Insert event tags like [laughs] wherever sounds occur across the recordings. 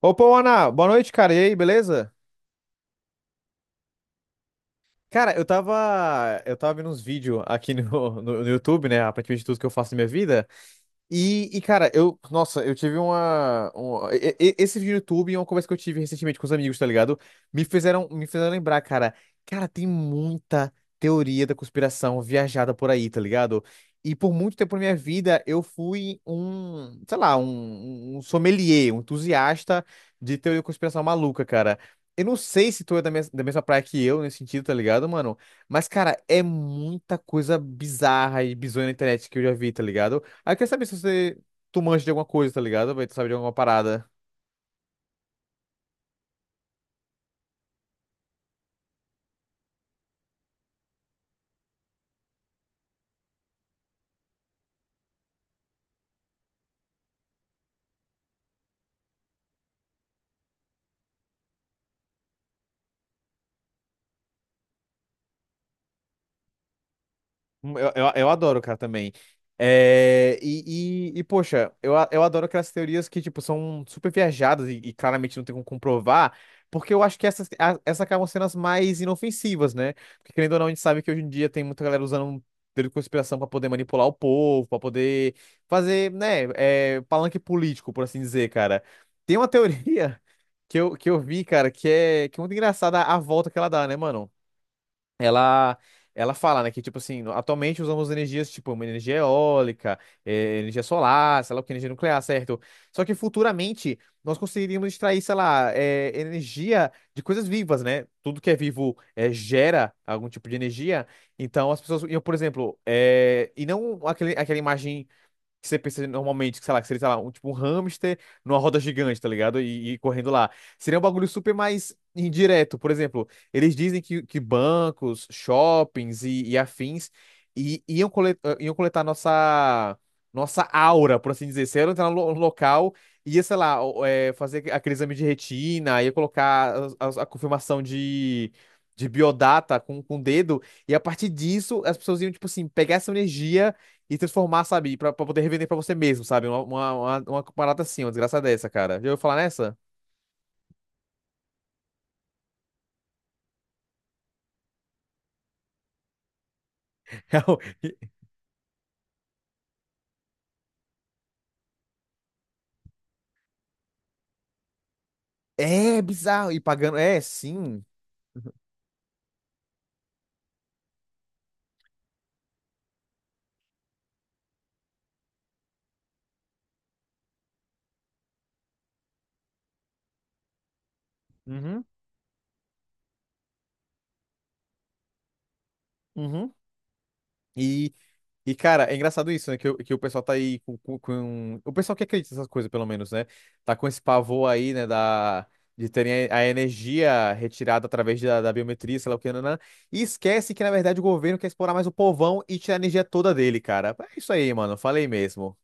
Opa, Ana, boa noite, cara. E aí, beleza? Cara, eu tava vendo uns vídeos aqui no YouTube, né? Aparentemente tudo que eu faço na minha vida. E, cara, eu. Nossa, eu tive uma. Um- e- esse vídeo do YouTube e uma conversa que eu tive recentemente com os amigos, tá ligado? Me fizeram lembrar, cara. Cara, tem muita teoria da conspiração viajada por aí, tá ligado? E por muito tempo na minha vida, eu fui Sei lá, um sommelier, um entusiasta de teoria da conspiração maluca, cara. Eu não sei se tu é da mesma praia que eu nesse sentido, tá ligado, mano? Mas, cara, é muita coisa bizarra e bizonha na internet que eu já vi, tá ligado? Aí eu saber se você. Tu manja de alguma coisa, tá ligado? Vai, tu sabe de alguma parada. Eu adoro, cara, também. É, e, poxa, eu adoro aquelas teorias que, tipo, são super viajadas e claramente não tem como comprovar, porque eu acho que essas acabam sendo as mais inofensivas, né? Porque, querendo ou não, a gente sabe que hoje em dia tem muita galera usando teoria de conspiração pra poder manipular o povo, pra poder fazer, né, palanque político, por assim dizer, cara. Tem uma teoria [laughs] que eu vi, cara, que é muito engraçada a volta que ela dá, né, mano? ela ela fala, né, que tipo assim, atualmente usamos energias tipo uma energia eólica, energia solar, sei lá o que, energia nuclear, certo? Só que futuramente nós conseguiríamos extrair, sei lá, energia de coisas vivas, né? Tudo que é vivo gera algum tipo de energia. Então as pessoas, iam, por exemplo, e não aquela imagem que você pensa normalmente, que, sei lá, que seria, sei lá, tipo um hamster numa roda gigante, tá ligado? E correndo lá. Seria um bagulho super mais indireto. Por exemplo, eles dizem que bancos, shoppings e afins iam coletar nossa aura, por assim dizer. Se ela entrar no local, ia, sei lá, fazer aquele exame de retina, ia colocar confirmação de. De biodata com o dedo, e a partir disso as pessoas iam, tipo assim, pegar essa energia e transformar, sabe? Pra poder revender pra você mesmo, sabe? Uma parada assim, uma desgraça dessa, cara. Já ouviu falar nessa? [laughs] É bizarro. E pagando. É, sim. Uhum, uhum. E E, cara, é engraçado isso, né? Que o pessoal tá aí O pessoal que acredita nessas coisas, pelo menos, né? Tá com esse pavor aí, né? Da... De terem a energia retirada através da biometria, sei lá o que, nanã, e esquece que, na verdade, o governo quer explorar mais o povão e tirar a energia toda dele, cara. É isso aí, mano. Falei mesmo.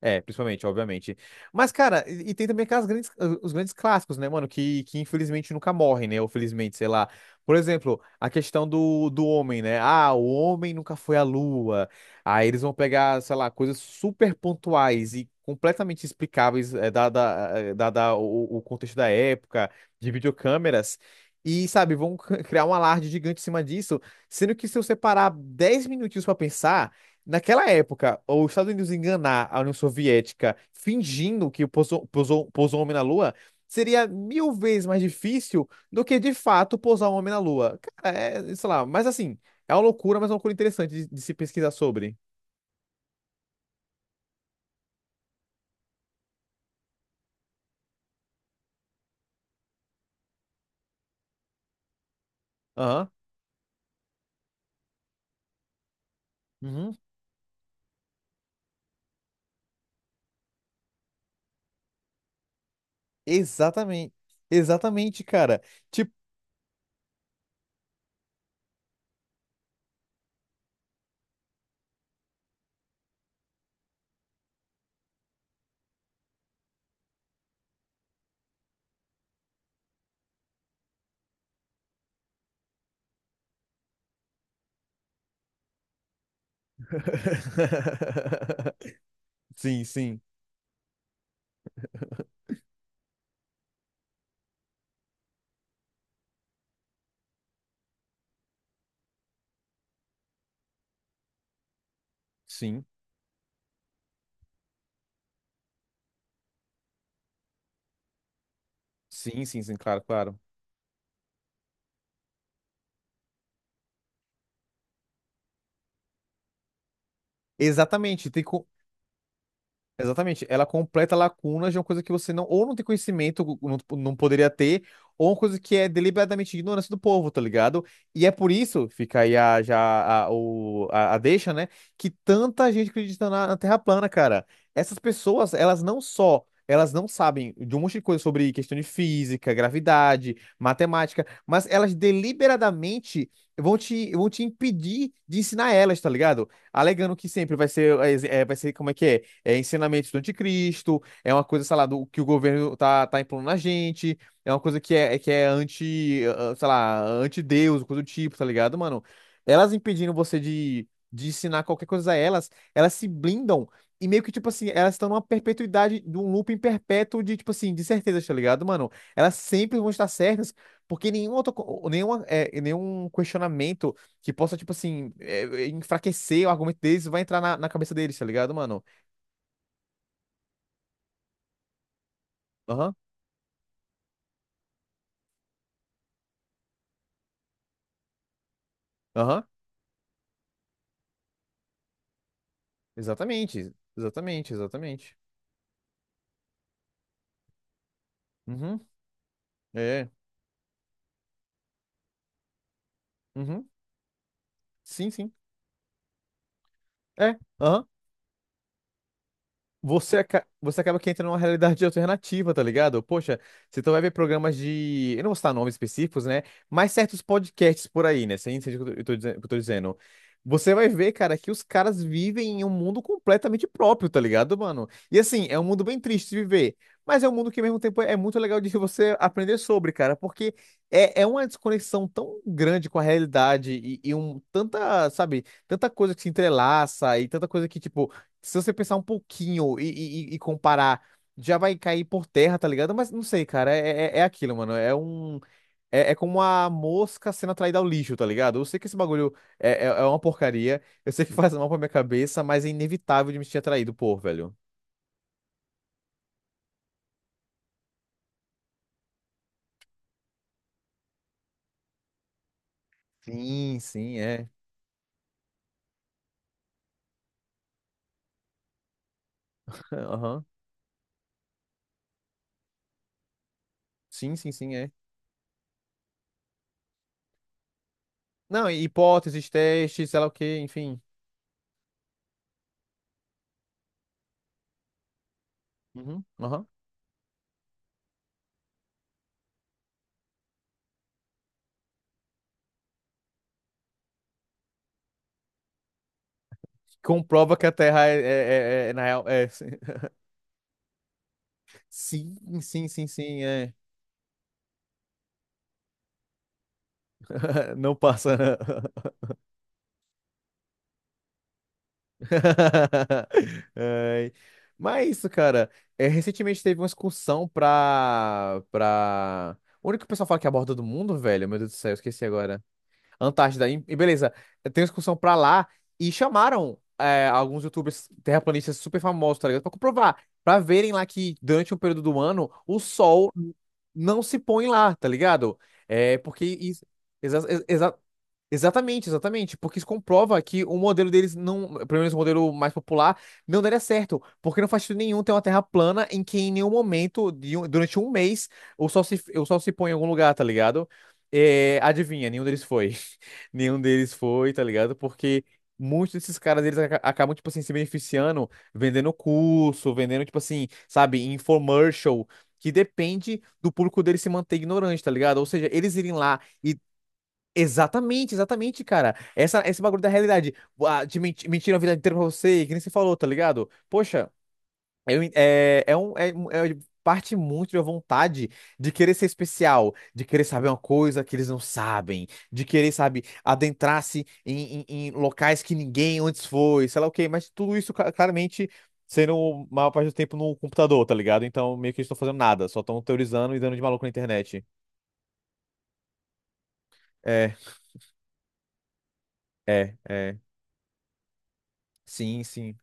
É, principalmente, obviamente. Mas, cara, e tem também aquelas os grandes clássicos, né, mano, que infelizmente nunca morrem, né, ou felizmente, sei lá. Por exemplo, a questão do homem, né? Ah, o homem nunca foi à Lua. Aí eles vão pegar, sei lá, coisas super pontuais e completamente explicáveis, dada o contexto da época, de videocâmeras. E, sabe, vão criar um alarde gigante em cima disso, sendo que se eu separar 10 minutinhos pra pensar. Naquela época, os Estados Unidos enganar a União Soviética fingindo que pousou um homem na Lua seria mil vezes mais difícil do que de fato pousar um homem na Lua. Cara, sei lá, mas assim, é uma loucura, mas é uma loucura interessante de se pesquisar sobre. Aham. Uhum. Exatamente. Exatamente, cara. Tipo. [laughs] Sim, sim. Sim. Sim, sim, sim, claro, claro. Exatamente. Exatamente, ela completa lacunas de uma coisa que você não, ou não tem conhecimento, ou não, tipo, não poderia ter, ou uma coisa que é deliberadamente ignorância do povo, tá ligado? E é por isso, fica aí a, já a, o, a, a deixa, né? Que tanta gente acredita na Terra plana, cara. Essas pessoas, elas não só, elas não sabem de um monte de coisa sobre questão de física, gravidade, matemática, mas elas deliberadamente vão te impedir de ensinar elas, tá ligado? Alegando que sempre vai ser, como é que é? É ensinamento do anticristo, é uma coisa, sei lá, que o governo tá impondo na gente, é uma coisa que é sei lá, anti-Deus, coisa do tipo, tá ligado, mano? Elas impedindo você de ensinar qualquer coisa a elas, elas se blindam e meio que, tipo assim, elas estão numa perpetuidade, num looping perpétuo de, tipo assim, de certezas, tá ligado, mano? Elas sempre vão estar certas, porque nenhum outro, co- nenhuma, é, nenhum questionamento que possa, tipo assim, enfraquecer o argumento deles vai entrar na cabeça deles, tá ligado, mano? Aham. Aham, exatamente, exatamente, exatamente. Uhum, é, é. Uhum, sim, sim, é, aham. Você acaba que entra numa realidade alternativa, tá ligado? Poxa, você então vai ver programas de. Eu não vou citar nomes específicos, né? Mas certos podcasts por aí, né? Você entende o que eu tô dizendo? Você vai ver, cara, que os caras vivem em um mundo completamente próprio, tá ligado, mano? E assim, é um mundo bem triste de viver. Mas é um mundo que, ao mesmo tempo, é muito legal de você aprender sobre, cara, porque é uma desconexão tão grande com a realidade e tanta, sabe, tanta coisa que se entrelaça e tanta coisa que, tipo, se você pensar um pouquinho e comparar, já vai cair por terra, tá ligado? Mas não sei, cara, é aquilo, mano. É um. É como a mosca sendo atraída ao lixo, tá ligado? Eu sei que esse bagulho é uma porcaria, eu sei que faz mal pra minha cabeça, mas é inevitável de me sentir atraído, pô, velho. Sim, sim, é. [laughs] Aham. Sim, sim, sim, é. Não, e hipóteses, testes, sei lá o quê, enfim. Uhum, aham. Comprova que a Terra é, na real. É. [laughs] Sim, sim, sim, sim, é. [laughs] Não passa, né? [laughs] [laughs] Ai. Mas é isso, cara. É, recentemente teve uma excursão O único que o pessoal fala que é a borda do mundo, velho. Meu Deus do céu, eu esqueci agora. Antártida. E beleza, tem uma excursão pra lá e chamaram alguns youtubers terraplanistas super famosos, tá ligado? Pra comprovar, pra verem lá que durante um período do ano o sol não se põe lá, tá ligado? É porque isso... Exatamente, exatamente, porque isso comprova que o modelo deles não, pelo menos o modelo mais popular, não daria certo, porque não faz sentido nenhum ter uma terra plana em que em nenhum momento, durante um mês, o sol se põe em algum lugar, tá ligado? É, adivinha, nenhum deles foi. [laughs] Nenhum deles foi, tá ligado? Porque muitos desses caras, eles acabam, tipo assim, se beneficiando, vendendo curso, vendendo, tipo assim, sabe, infomercial, que depende do público deles se manter ignorante, tá ligado? Ou seja, eles irem lá e. Exatamente, exatamente, cara. Esse bagulho da realidade. Ah, de mentira a vida inteira pra você, que nem você falou, tá ligado? Poxa, eu en- é, é, um, é, um- é parte muito da vontade de querer ser especial, de querer saber uma coisa que eles não sabem, de querer, sabe, adentrar-se em locais que ninguém antes foi, sei lá o quê, mas tudo isso claramente sendo maior parte do tempo no computador, tá ligado? Então meio que eles estão fazendo nada, só estão teorizando e dando de maluco na internet. É, é, é. Sim, sim.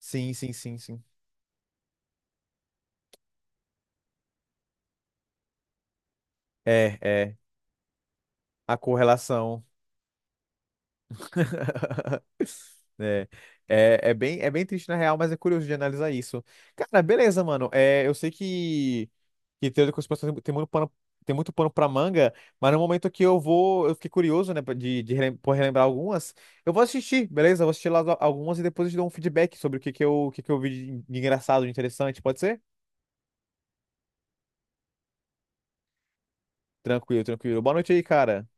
Sim, sim, sim, sim. É, é. A correlação. [laughs] É, é bem triste na real, mas é curioso de analisar isso. Cara, beleza, mano. É, eu sei que teoria da conspiração tem muito pano, tem muito pano pra manga, mas no momento que eu vou, eu fiquei curioso, né, por relembrar algumas, eu vou assistir, beleza? Eu vou assistir lá algumas e depois eu te dou um feedback sobre o que que eu vi de engraçado, de interessante, pode ser? Tranquilo, tranquilo. Boa noite aí, cara.